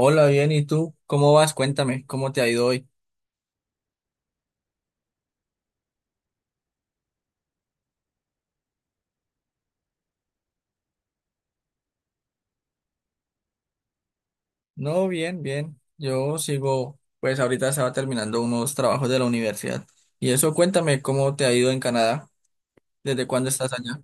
Hola, bien, ¿y tú? ¿Cómo vas? Cuéntame, ¿cómo te ha ido hoy? No, bien, bien. Yo sigo, pues ahorita estaba terminando unos trabajos de la universidad. Y eso, cuéntame, ¿cómo te ha ido en Canadá? ¿Desde cuándo estás allá?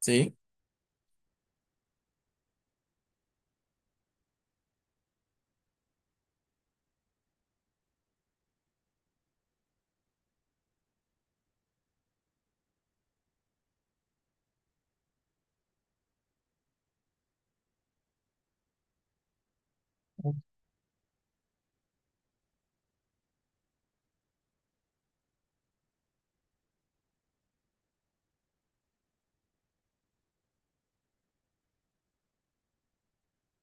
Sí.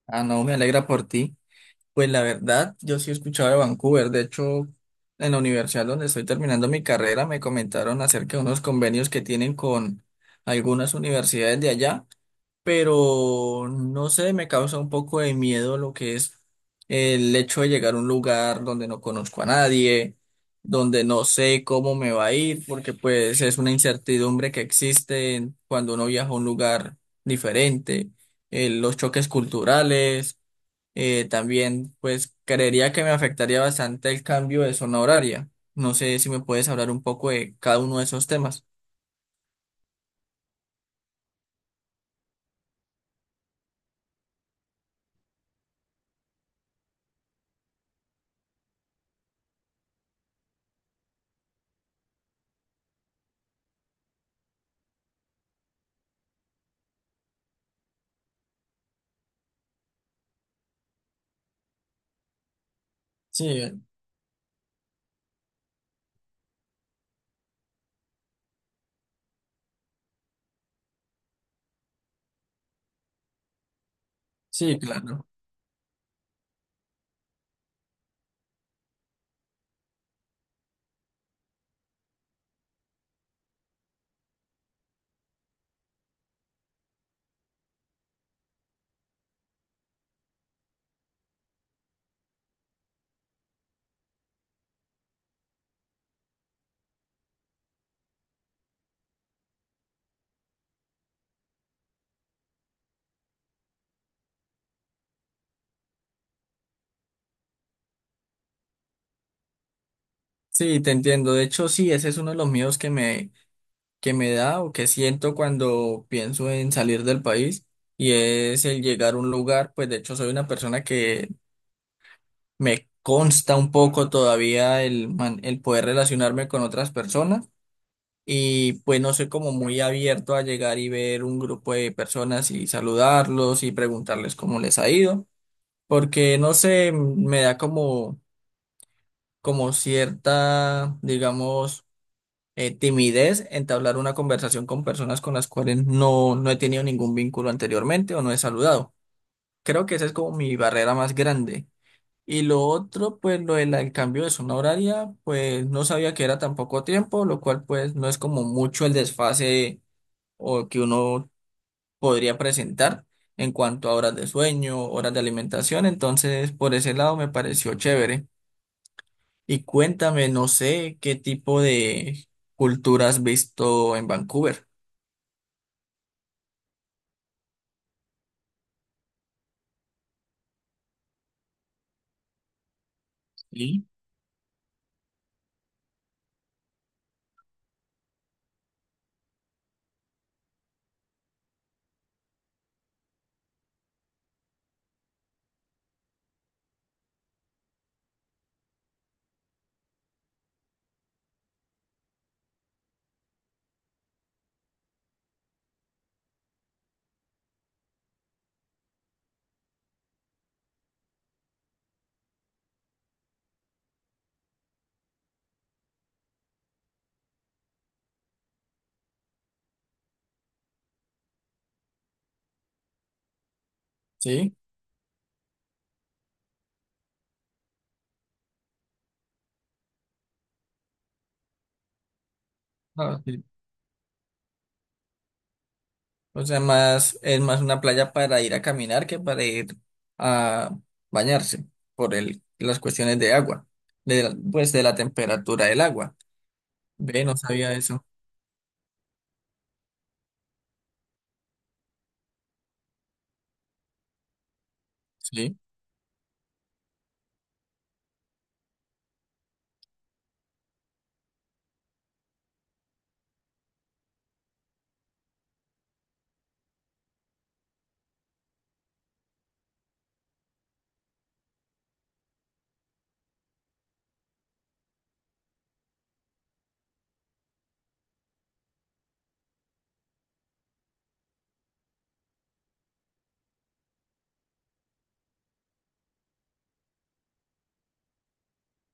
Ah, no, me alegra por ti. Pues la verdad, yo sí he escuchado de Vancouver. De hecho, en la universidad donde estoy terminando mi carrera, me comentaron acerca de unos convenios que tienen con algunas universidades de allá. Pero no sé, me causa un poco de miedo lo que es el hecho de llegar a un lugar donde no conozco a nadie, donde no sé cómo me va a ir, porque pues es una incertidumbre que existe cuando uno viaja a un lugar diferente, los choques culturales, también pues creería que me afectaría bastante el cambio de zona horaria. No sé si me puedes hablar un poco de cada uno de esos temas. Sí, sí, claro. Sí, te entiendo. De hecho, sí, ese es uno de los miedos que que me da o que siento cuando pienso en salir del país y es el llegar a un lugar, pues de hecho soy una persona que me consta un poco todavía el poder relacionarme con otras personas y pues no soy como muy abierto a llegar y ver un grupo de personas y saludarlos y preguntarles cómo les ha ido, porque no sé, me da como cierta, digamos, timidez, entablar una conversación con personas con las cuales no he tenido ningún vínculo anteriormente o no he saludado. Creo que esa es como mi barrera más grande. Y lo otro, pues lo del el cambio de zona horaria, pues no sabía que era tan poco tiempo, lo cual pues no es como mucho el desfase o que uno podría presentar en cuanto a horas de sueño, horas de alimentación, entonces por ese lado me pareció chévere. Y cuéntame, no sé qué tipo de cultura has visto en Vancouver. Sí, sí. Ah, sí. O sea, es más una playa para ir a caminar que para ir a bañarse por las cuestiones de agua, pues de la temperatura del agua. Ve, no sabía eso. Sí,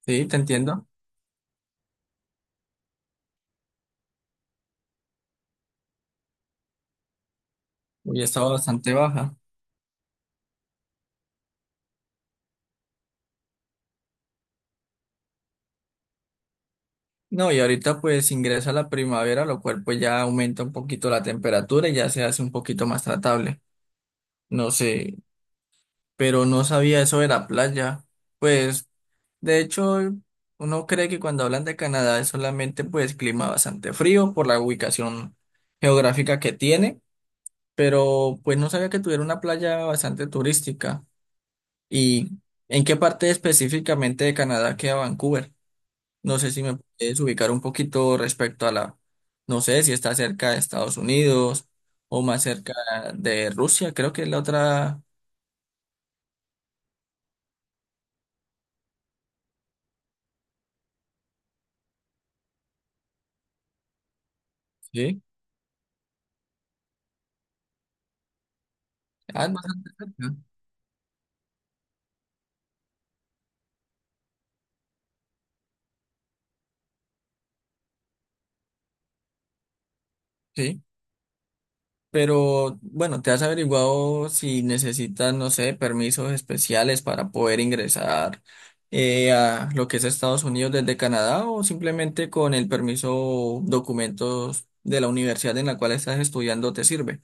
sí, te entiendo. Hoy ha estado bastante baja. No, y ahorita pues ingresa la primavera, lo cual pues ya aumenta un poquito la temperatura y ya se hace un poquito más tratable. No sé, pero no sabía eso de la playa. Pues, de hecho, uno cree que cuando hablan de Canadá es solamente pues clima bastante frío por la ubicación geográfica que tiene, pero pues no sabía que tuviera una playa bastante turística. ¿Y en qué parte específicamente de Canadá queda Vancouver? No sé si me puedes ubicar un poquito respecto a no sé si está cerca de Estados Unidos o más cerca de Rusia, creo que es la otra. Sí. Ah, es bastante cerca. Sí. Pero bueno, ¿te has averiguado si necesitas, no sé, permisos especiales para poder ingresar a lo que es Estados Unidos desde Canadá o simplemente con el permiso documentos de la universidad en la cual estás estudiando te sirve?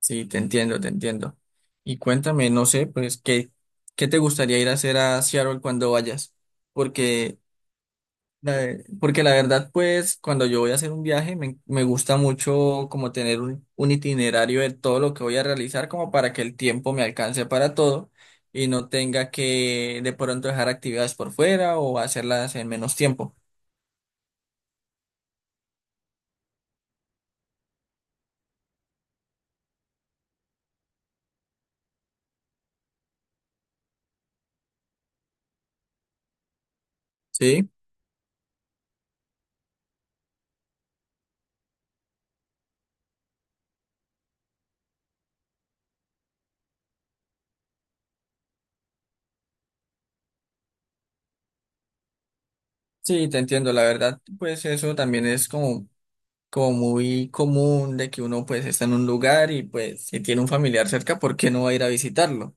Sí, te entiendo, te entiendo. Y cuéntame, no sé, pues, ¿qué te gustaría ir a hacer a Seattle cuando vayas? Porque La- Porque la verdad, pues, cuando yo voy a hacer un viaje, me gusta mucho como tener un itinerario de todo lo que voy a realizar, como para que el tiempo me alcance para todo y no tenga que de pronto dejar actividades por fuera o hacerlas en menos tiempo. Sí, sí, te entiendo. La verdad, pues eso también es como muy común de que uno pues está en un lugar y pues si tiene un familiar cerca, ¿por qué no va a ir a visitarlo?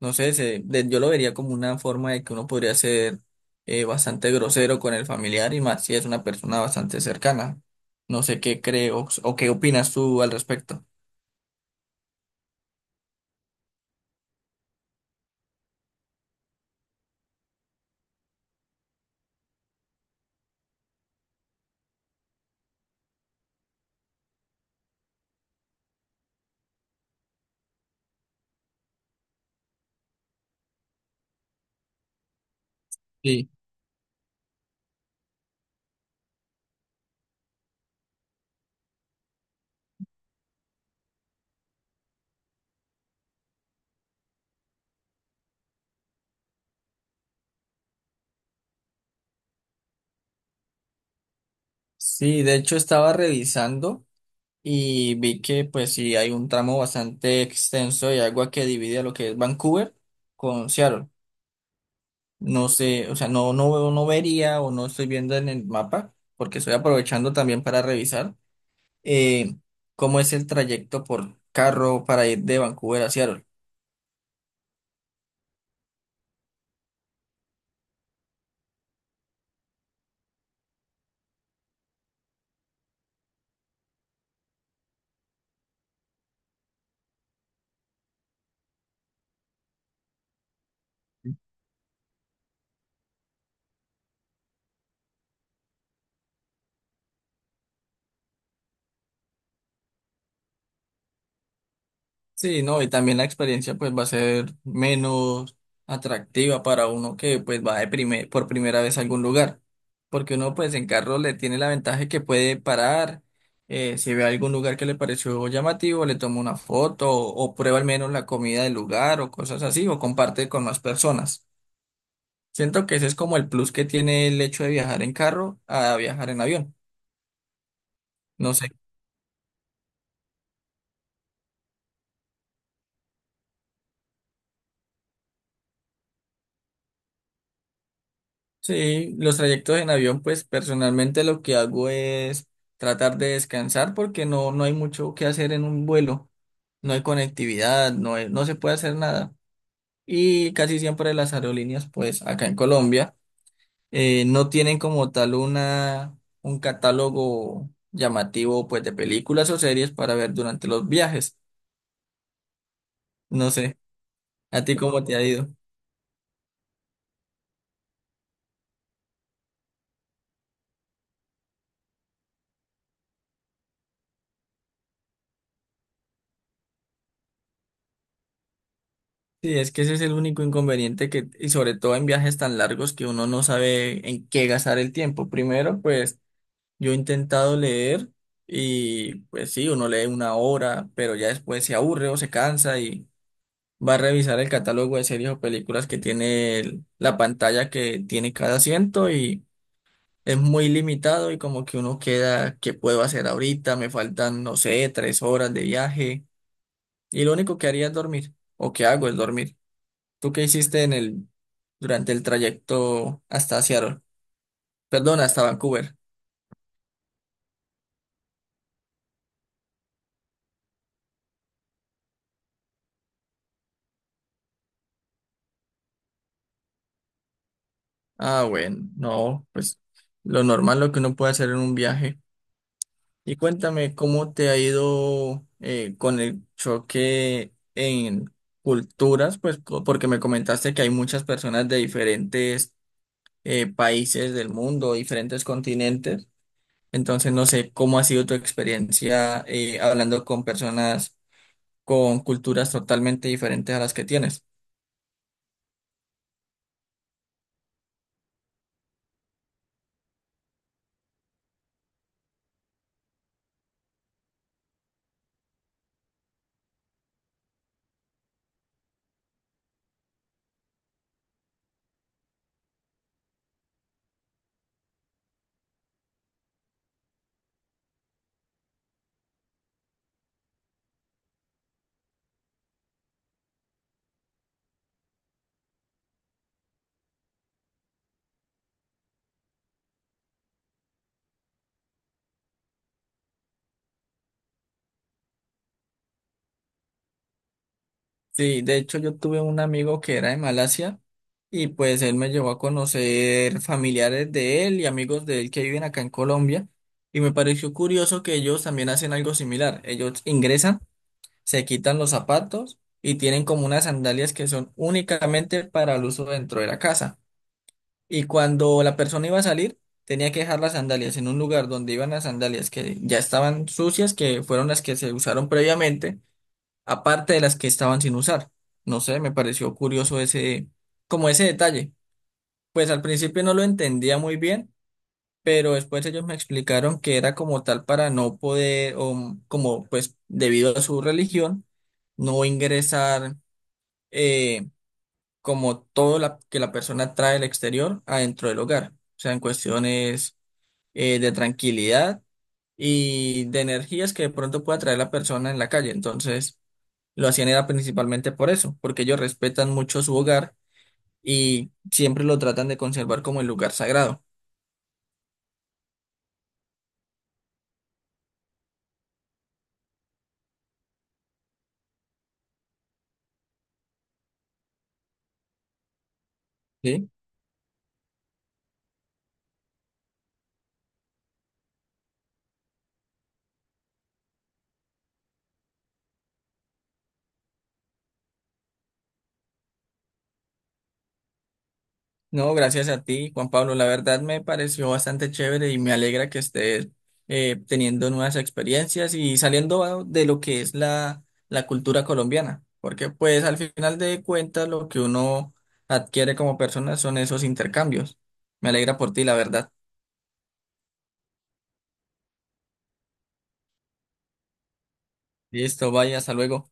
No sé, yo lo vería como una forma de que uno podría ser bastante grosero con el familiar y más si es una persona bastante cercana. No sé qué creo o qué opinas tú al respecto. Sí. Sí, de hecho estaba revisando y vi que pues sí hay un tramo bastante extenso de agua que divide a lo que es Vancouver con Seattle. No sé, o sea, no vería o no estoy viendo en el mapa porque estoy aprovechando también para revisar. eh, cómo es el trayecto por carro para ir de Vancouver a Seattle. Sí, no, y también la experiencia pues va a ser menos atractiva para uno que pues va de por primera vez a algún lugar, porque uno pues en carro le tiene la ventaja que puede parar, si ve algún lugar que le pareció llamativo, le toma una foto o prueba al menos la comida del lugar o cosas así, o comparte con más personas. Siento que ese es como el plus que tiene el hecho de viajar en carro a viajar en avión. No sé. Sí, los trayectos en avión, pues personalmente lo que hago es tratar de descansar porque no hay mucho que hacer en un vuelo, no hay conectividad, no se puede hacer nada. Y casi siempre las aerolíneas, pues acá en Colombia, no tienen como tal un catálogo llamativo, pues de películas o series para ver durante los viajes. No sé, ¿a ti cómo te ha ido? Sí, es que ese es el único inconveniente que, y sobre todo en viajes tan largos que uno no sabe en qué gastar el tiempo. Primero, pues yo he intentado leer y pues sí, uno lee una hora, pero ya después se aburre o se cansa y va a revisar el catálogo de series o películas que tiene la pantalla que tiene cada asiento y es muy limitado y como que uno queda, ¿qué puedo hacer ahorita? Me faltan, no sé, 3 horas de viaje y lo único que haría es dormir o que hago es dormir. ¿Tú qué hiciste en durante el trayecto hasta Seattle? Perdón, hasta Vancouver. Ah, bueno, no, pues lo normal, lo que uno puede hacer en un viaje. Y cuéntame cómo te ha ido con el choque en culturas, pues porque me comentaste que hay muchas personas de diferentes países del mundo, diferentes continentes. Entonces, no sé cómo ha sido tu experiencia hablando con personas con culturas totalmente diferentes a las que tienes. Sí, de hecho yo tuve un amigo que era de Malasia y pues él me llevó a conocer familiares de él y amigos de él que viven acá en Colombia y me pareció curioso que ellos también hacen algo similar. Ellos ingresan, se quitan los zapatos y tienen como unas sandalias que son únicamente para el uso dentro de la casa. Y cuando la persona iba a salir, tenía que dejar las sandalias en un lugar donde iban las sandalias que ya estaban sucias, que fueron las que se usaron previamente aparte de las que estaban sin usar. No sé, me pareció curioso como ese detalle. Pues al principio no lo entendía muy bien, pero después ellos me explicaron que era como tal para no poder, o como pues debido a su religión, no ingresar eh, como todo que la persona trae del exterior adentro del hogar. O sea, en cuestiones de tranquilidad y de energías que de pronto pueda traer la persona en la calle. Entonces... Lo hacían era principalmente por eso, porque ellos respetan mucho su hogar y siempre lo tratan de conservar como el lugar sagrado, ¿sí? No, gracias a ti, Juan Pablo. La verdad me pareció bastante chévere y me alegra que estés teniendo nuevas experiencias y saliendo de lo que es la cultura colombiana, porque pues al final de cuentas lo que uno adquiere como persona son esos intercambios. Me alegra por ti, la verdad. Listo, vaya, hasta luego.